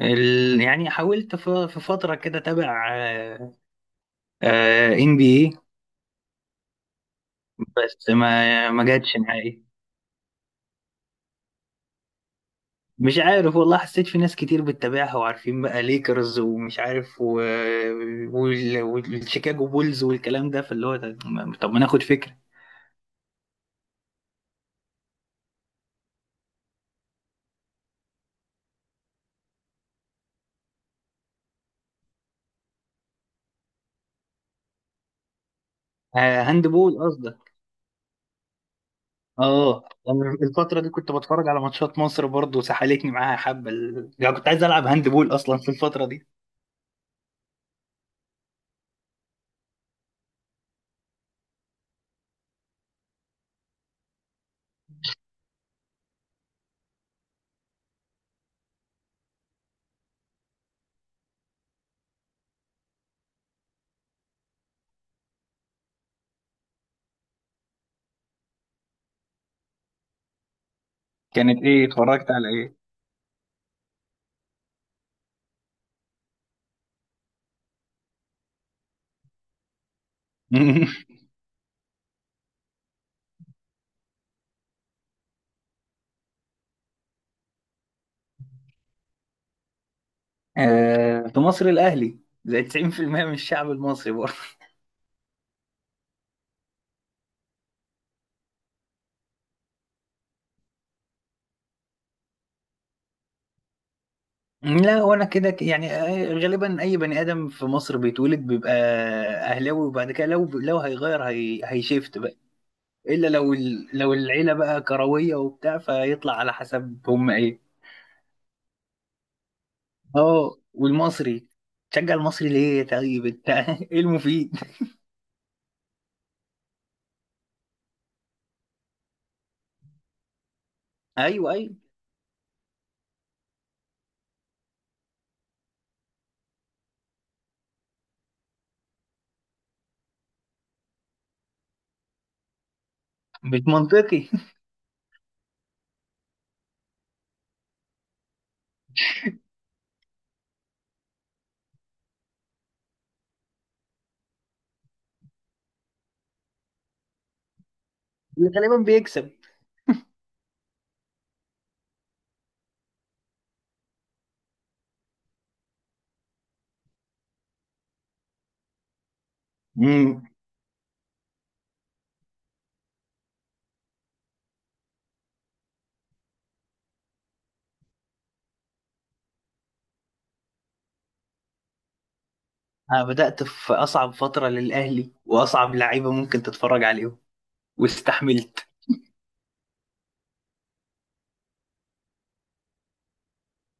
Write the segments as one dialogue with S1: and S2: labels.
S1: يعني حاولت في فترة كده اتابع ان بي اي. بس ما جاتش معايا. مش عارف والله، حسيت في ناس كتير بتتابعها وعارفين بقى ليكرز ومش عارف و... والشيكاغو بولز والكلام ده، فاللي هو طب ما ناخد فكرة. آه، هاند بول قصدك. اه، أنا الفترة دي كنت بتفرج على ماتشات مصر برضو، سحلتني معاها حبة يعني كنت عايز العب هاند بول اصلا في الفترة دي. كانت ايه؟ اتفرجت على ايه؟ آه، في مصر الأهلي، زي 90% من الشعب المصري برضه. لا، وانا كده يعني آه، غالبا اي بني ادم في مصر بيتولد بيبقى اهلاوي، وبعد كده لو هيغير هيشيفت بقى. الا لو ال... لو العيله بقى كرويه وبتاع، فيطلع على حسب هم ايه. اه، والمصري. تشجع المصري ليه طيب انت؟ ايه المفيد؟ ايوه ايوه، مش منطقي. اللي غالبا بيكسب. امم، انا بدات في اصعب فتره للاهلي واصعب لعيبه ممكن تتفرج عليهم، واستحملت.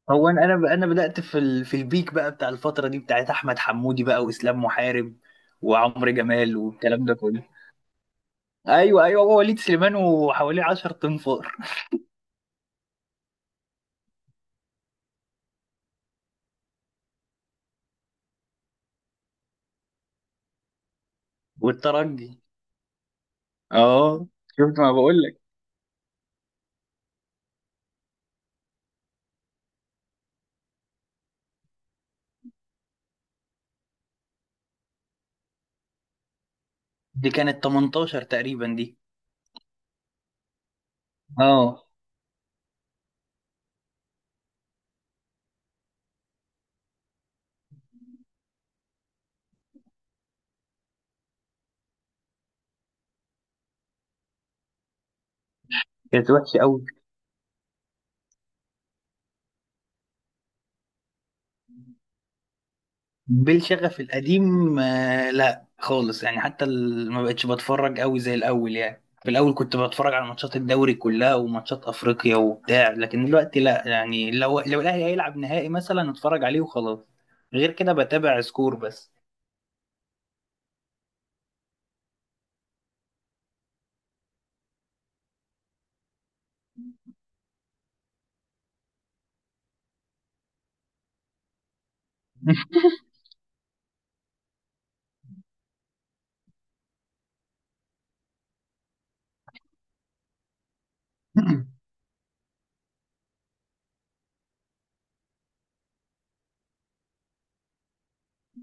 S1: هو انا بدات في ال... في البيك بقى بتاع الفتره دي، بتاعت احمد حمودي بقى، واسلام محارب، وعمرو جمال، والكلام ده كله. ايوه ايوه، هو وليد سليمان وحواليه 10 تنفار. والترجي، اه. شفت ما بقول لك؟ دي كانت 18 تقريبا دي. اه، كانت وحشه قوي. بالشغف القديم آه، لا خالص يعني. حتى ما بقتش بتفرج قوي زي الاول. يعني في الاول كنت بتفرج على ماتشات الدوري كلها، وماتشات افريقيا وبتاع، لكن دلوقتي لا. يعني لو الاهلي هيلعب نهائي مثلا اتفرج عليه وخلاص. غير كده بتابع سكور بس.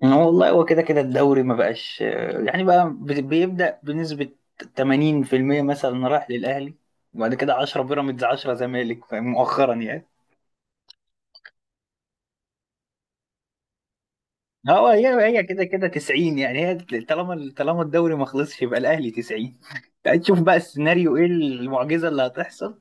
S1: والله هو كده كده الدوري ما بقاش آه، يعني بقى بيبدأ بنسبة 80% مثلا رايح للاهلي، وبعد كده 10 بيراميدز، 10 زمالك، مؤخرا يعني. اه، هو هي كده كده 90 يعني هي. طالما طالما الدوري ما خلصش يبقى الاهلي 90. تشوف بقى السيناريو ايه، المعجزه اللي هتحصل.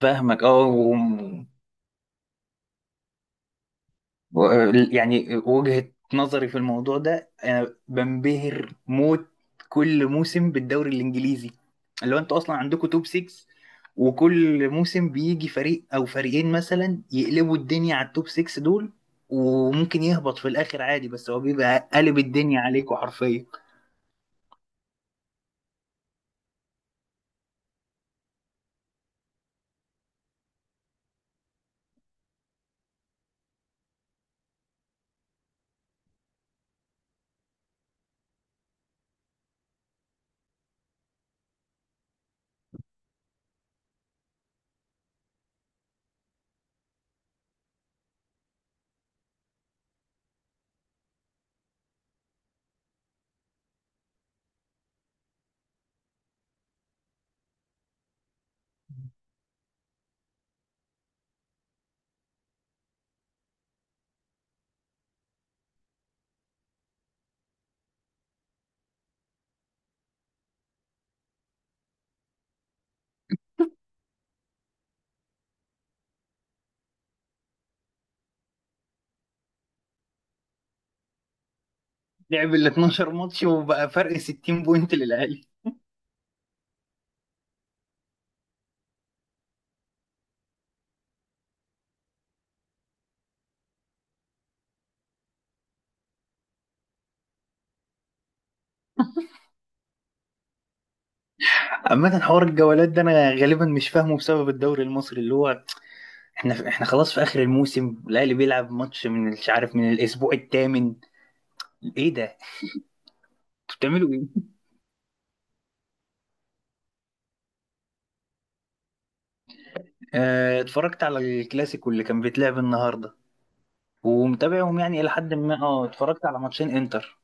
S1: فاهمك اه، و... و... يعني وجهه نظري في الموضوع ده، انا بنبهر موت كل موسم بالدوري الانجليزي. اللي هو انتوا اصلا عندكم توب 6، وكل موسم بيجي فريق او فريقين مثلا يقلبوا الدنيا على التوب 6 دول. وممكن يهبط في الاخر عادي، بس هو بيبقى قلب الدنيا عليكم حرفيا. لعب ال 12 ماتش وبقى فرق 60 بوينت للاهلي. عامة حوار الجولات ده انا غالبا مش فاهمه، بسبب الدوري المصري اللي هو احنا خلاص في اخر الموسم الاهلي بيلعب ماتش من مش عارف من الاسبوع الثامن. ايه ده، انتوا بتعملوا ايه؟ اه، اتفرجت على الكلاسيكو اللي كان بيتلعب النهارده، ومتابعهم يعني الى حد ما. اه، اتفرجت على ماتشين انتر.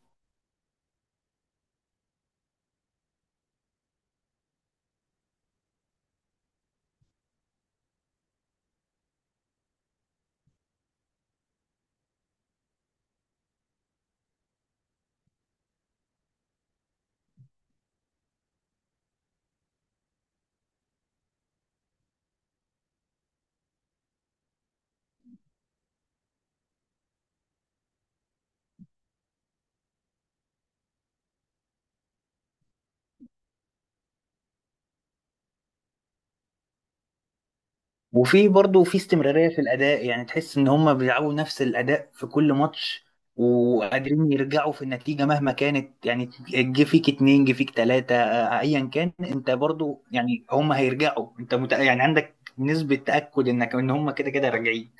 S1: وفي برضه في استمرارية في الأداء، يعني تحس إن هما بيلعبوا نفس الأداء في كل ماتش، وقادرين يرجعوا في النتيجة مهما كانت. يعني جه فيك اتنين، جه فيك تلاتة آه، أيا كان أنت برضه، يعني هما هيرجعوا. أنت يعني عندك نسبة تأكد إنك إن هما كده كده راجعين.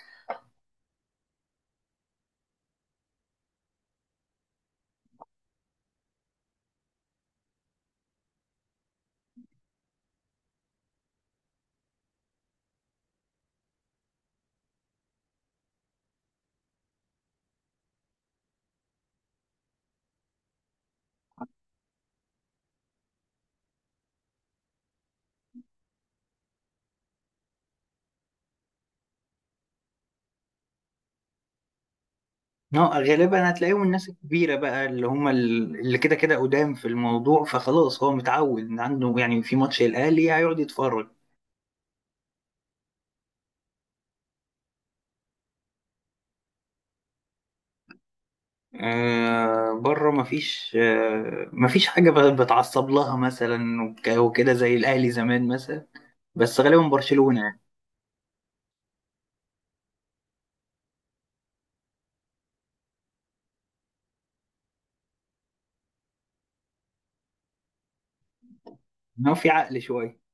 S1: اه غالبا هتلاقيهم الناس الكبيرة بقى، اللي هما اللي كده كده قدام في الموضوع، فخلاص هو متعود إن عنده يعني في ماتش الأهلي هيقعد يتفرج. آه، بره مفيش آه، مفيش حاجة بتعصب لها مثلا وكده زي الأهلي زمان مثلا. بس غالبا برشلونة يعني. إنما في عقل شوية.